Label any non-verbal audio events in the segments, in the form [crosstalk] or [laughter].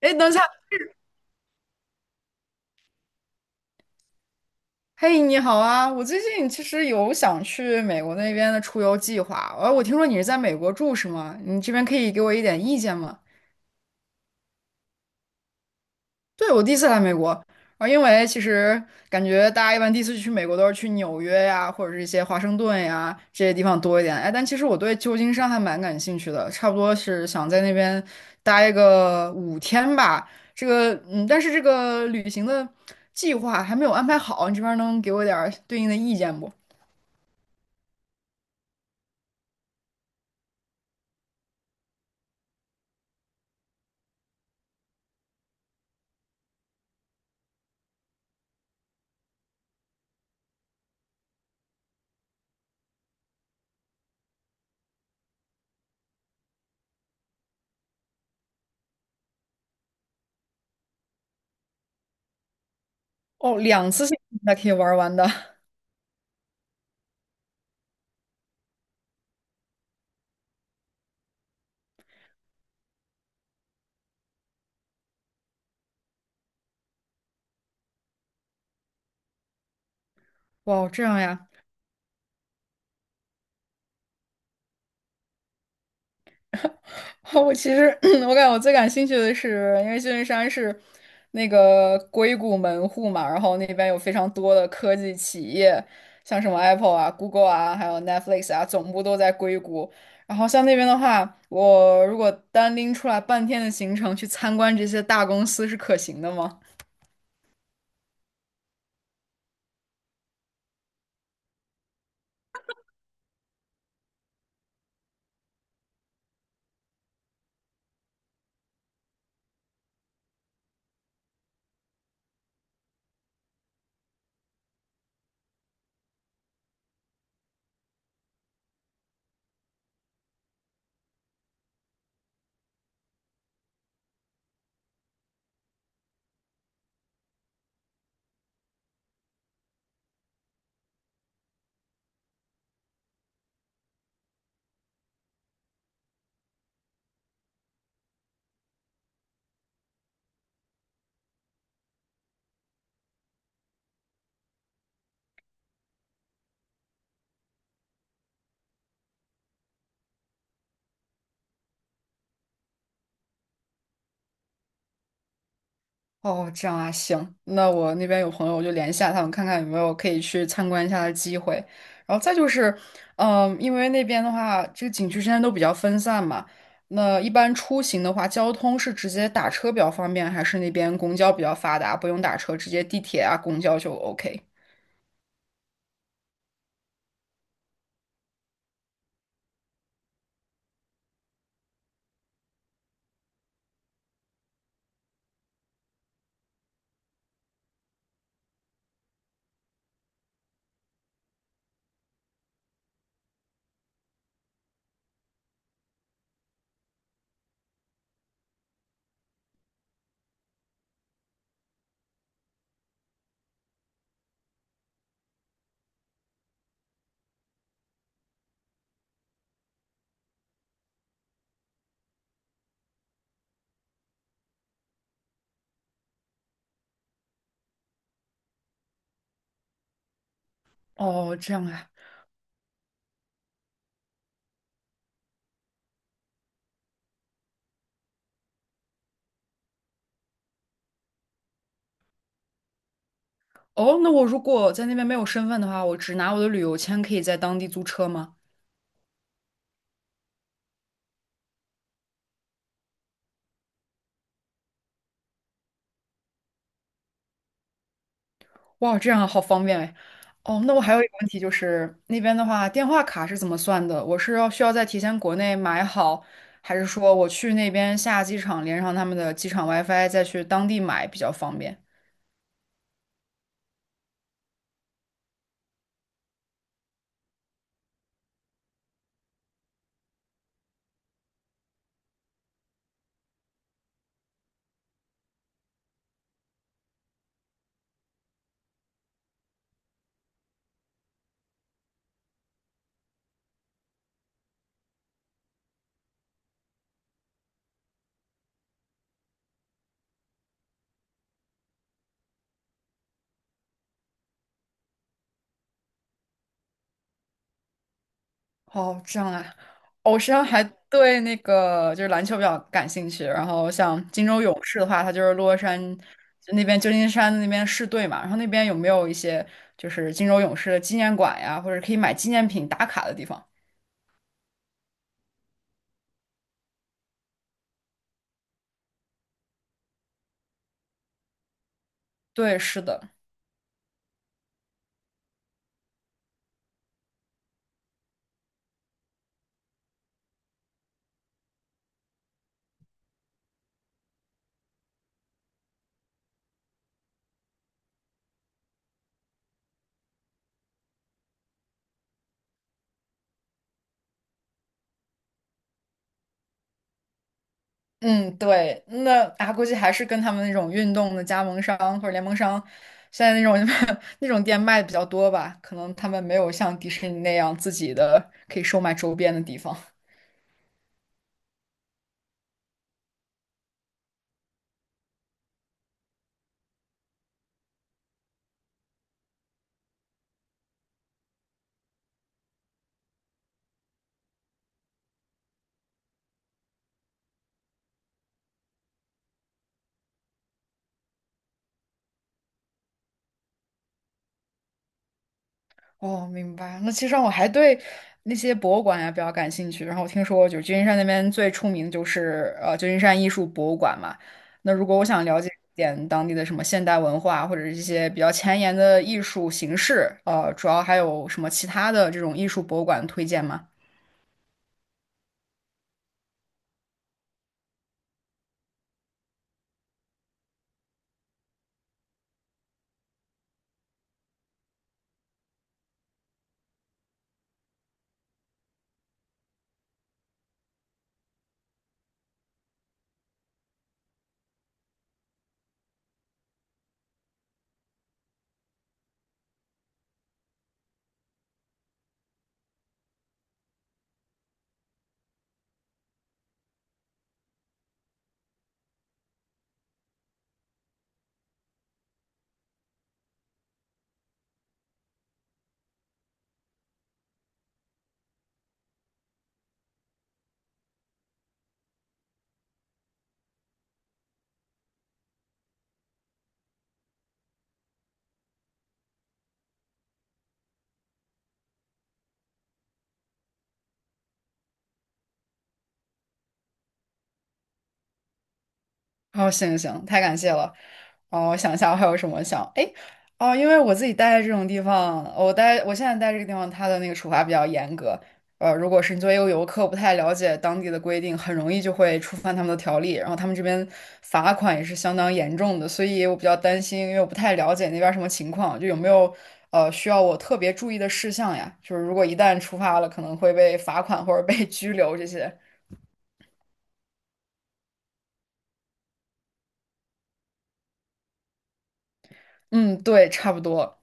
哎，等一下，嘿，你好啊！我最近其实有想去美国那边的出游计划，我听说你是在美国住是吗？你这边可以给我一点意见吗？对，我第一次来美国，啊，因为其实感觉大家一般第一次去美国都是去纽约呀，或者是一些华盛顿呀这些地方多一点，哎，但其实我对旧金山还蛮感兴趣的，差不多是想在那边待个5天吧。这个，嗯，但是这个旅行的计划还没有安排好，你这边能给我点儿对应的意见不？哦，两次性才可以玩完的。哇哦，这样呀！[laughs] 我其实 [clears throat] 我感觉我最感兴趣的是，因为旧金山是那个硅谷门户嘛，然后那边有非常多的科技企业，像什么 Apple 啊、Google 啊，还有 Netflix 啊，总部都在硅谷。然后像那边的话，我如果单拎出来半天的行程去参观这些大公司是可行的吗？哦，这样啊，行，那我那边有朋友，我就联系一下他们，看看有没有可以去参观一下的机会。然后再就是，嗯，因为那边的话，这个景区之间都比较分散嘛，那一般出行的话，交通是直接打车比较方便，还是那边公交比较发达，不用打车，直接地铁啊、公交就 OK？哦，这样啊。哦，那我如果在那边没有身份的话，我只拿我的旅游签，可以在当地租车吗？哇，这样好方便哎。哦，那我还有一个问题就是，那边的话，电话卡是怎么算的？我是要需要在提前国内买好，还是说我去那边下机场连上他们的机场 WiFi，再去当地买比较方便？哦，这样啊。哦，我实际上还对那个就是篮球比较感兴趣，然后像金州勇士的话，它就是洛杉就那边旧金山那边市队嘛，然后那边有没有一些就是金州勇士的纪念馆呀，或者可以买纪念品打卡的地方？对，是的。嗯，对，那啊，估计还是跟他们那种运动的加盟商或者联盟商，现在那种 [laughs] 那种店卖的比较多吧，可能他们没有像迪士尼那样自己的可以售卖周边的地方。[laughs] 哦，明白。那其实我还对那些博物馆呀比较感兴趣，然后我听说就是旧金山那边最出名的就是旧金山艺术博物馆嘛。那如果我想了解一点当地的什么现代文化，或者是一些比较前沿的艺术形式，主要还有什么其他的这种艺术博物馆推荐吗？哦，行行行，太感谢了。哦，我想一下，我还有什么想？哎，哦，因为我自己待在这种地方，我现在待这个地方，它的那个处罚比较严格。如果是你作为一个游客不太了解当地的规定，很容易就会触犯他们的条例，然后他们这边罚款也是相当严重的，所以我比较担心，因为我不太了解那边儿什么情况，就有没有需要我特别注意的事项呀？就是如果一旦触发了，可能会被罚款或者被拘留这些。嗯，对，差不多。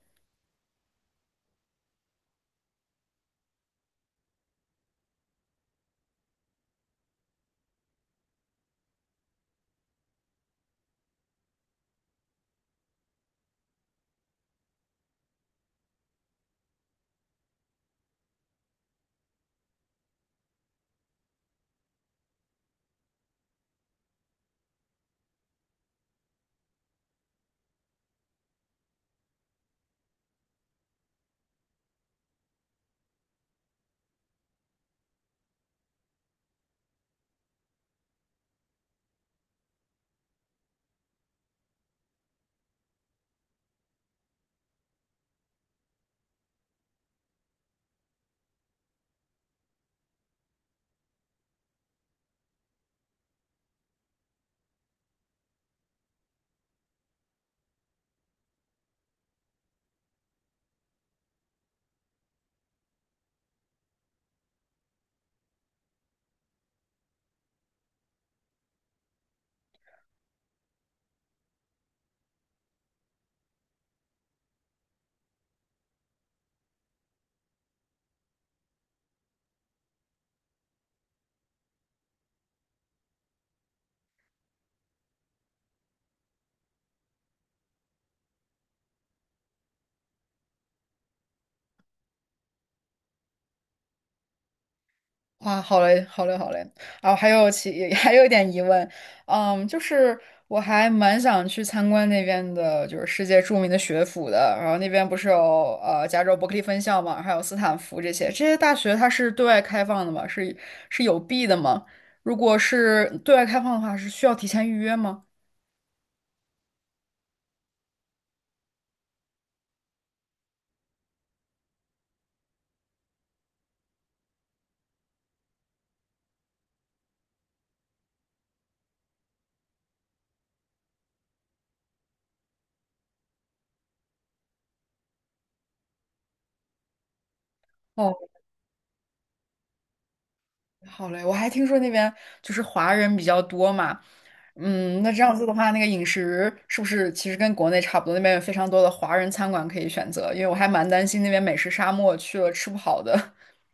哇，好嘞，好嘞，好嘞。啊，还有其 [laughs] 还有一点疑问，嗯，就是我还蛮想去参观那边的，就是世界著名的学府的。然后那边不是有加州伯克利分校嘛，还有斯坦福这些，这些大学它是对外开放的吗？是是有币的吗？如果是对外开放的话，是需要提前预约吗？哦。好嘞，我还听说那边就是华人比较多嘛，嗯，那这样子的话，那个饮食是不是其实跟国内差不多？那边有非常多的华人餐馆可以选择，因为我还蛮担心那边美食沙漠去了吃不好的，[laughs]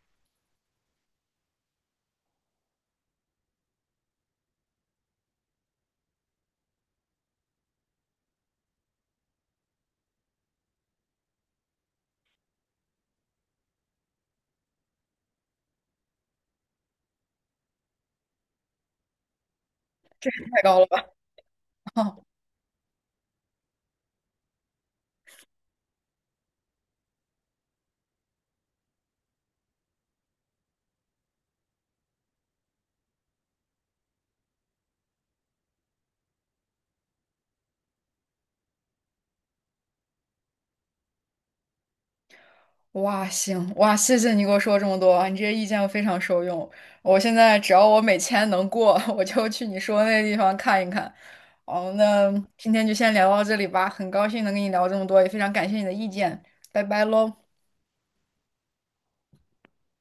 太高了吧？[laughs] 哦，哇，行，哇，谢谢你给我说这么多啊你这些意见我非常受用。我现在只要我每天能过，[laughs] 我就去你说的那个地方看一看。哦，那今天就先聊到这里吧，很高兴能跟你聊这么多，也非常感谢你的意见，拜拜喽。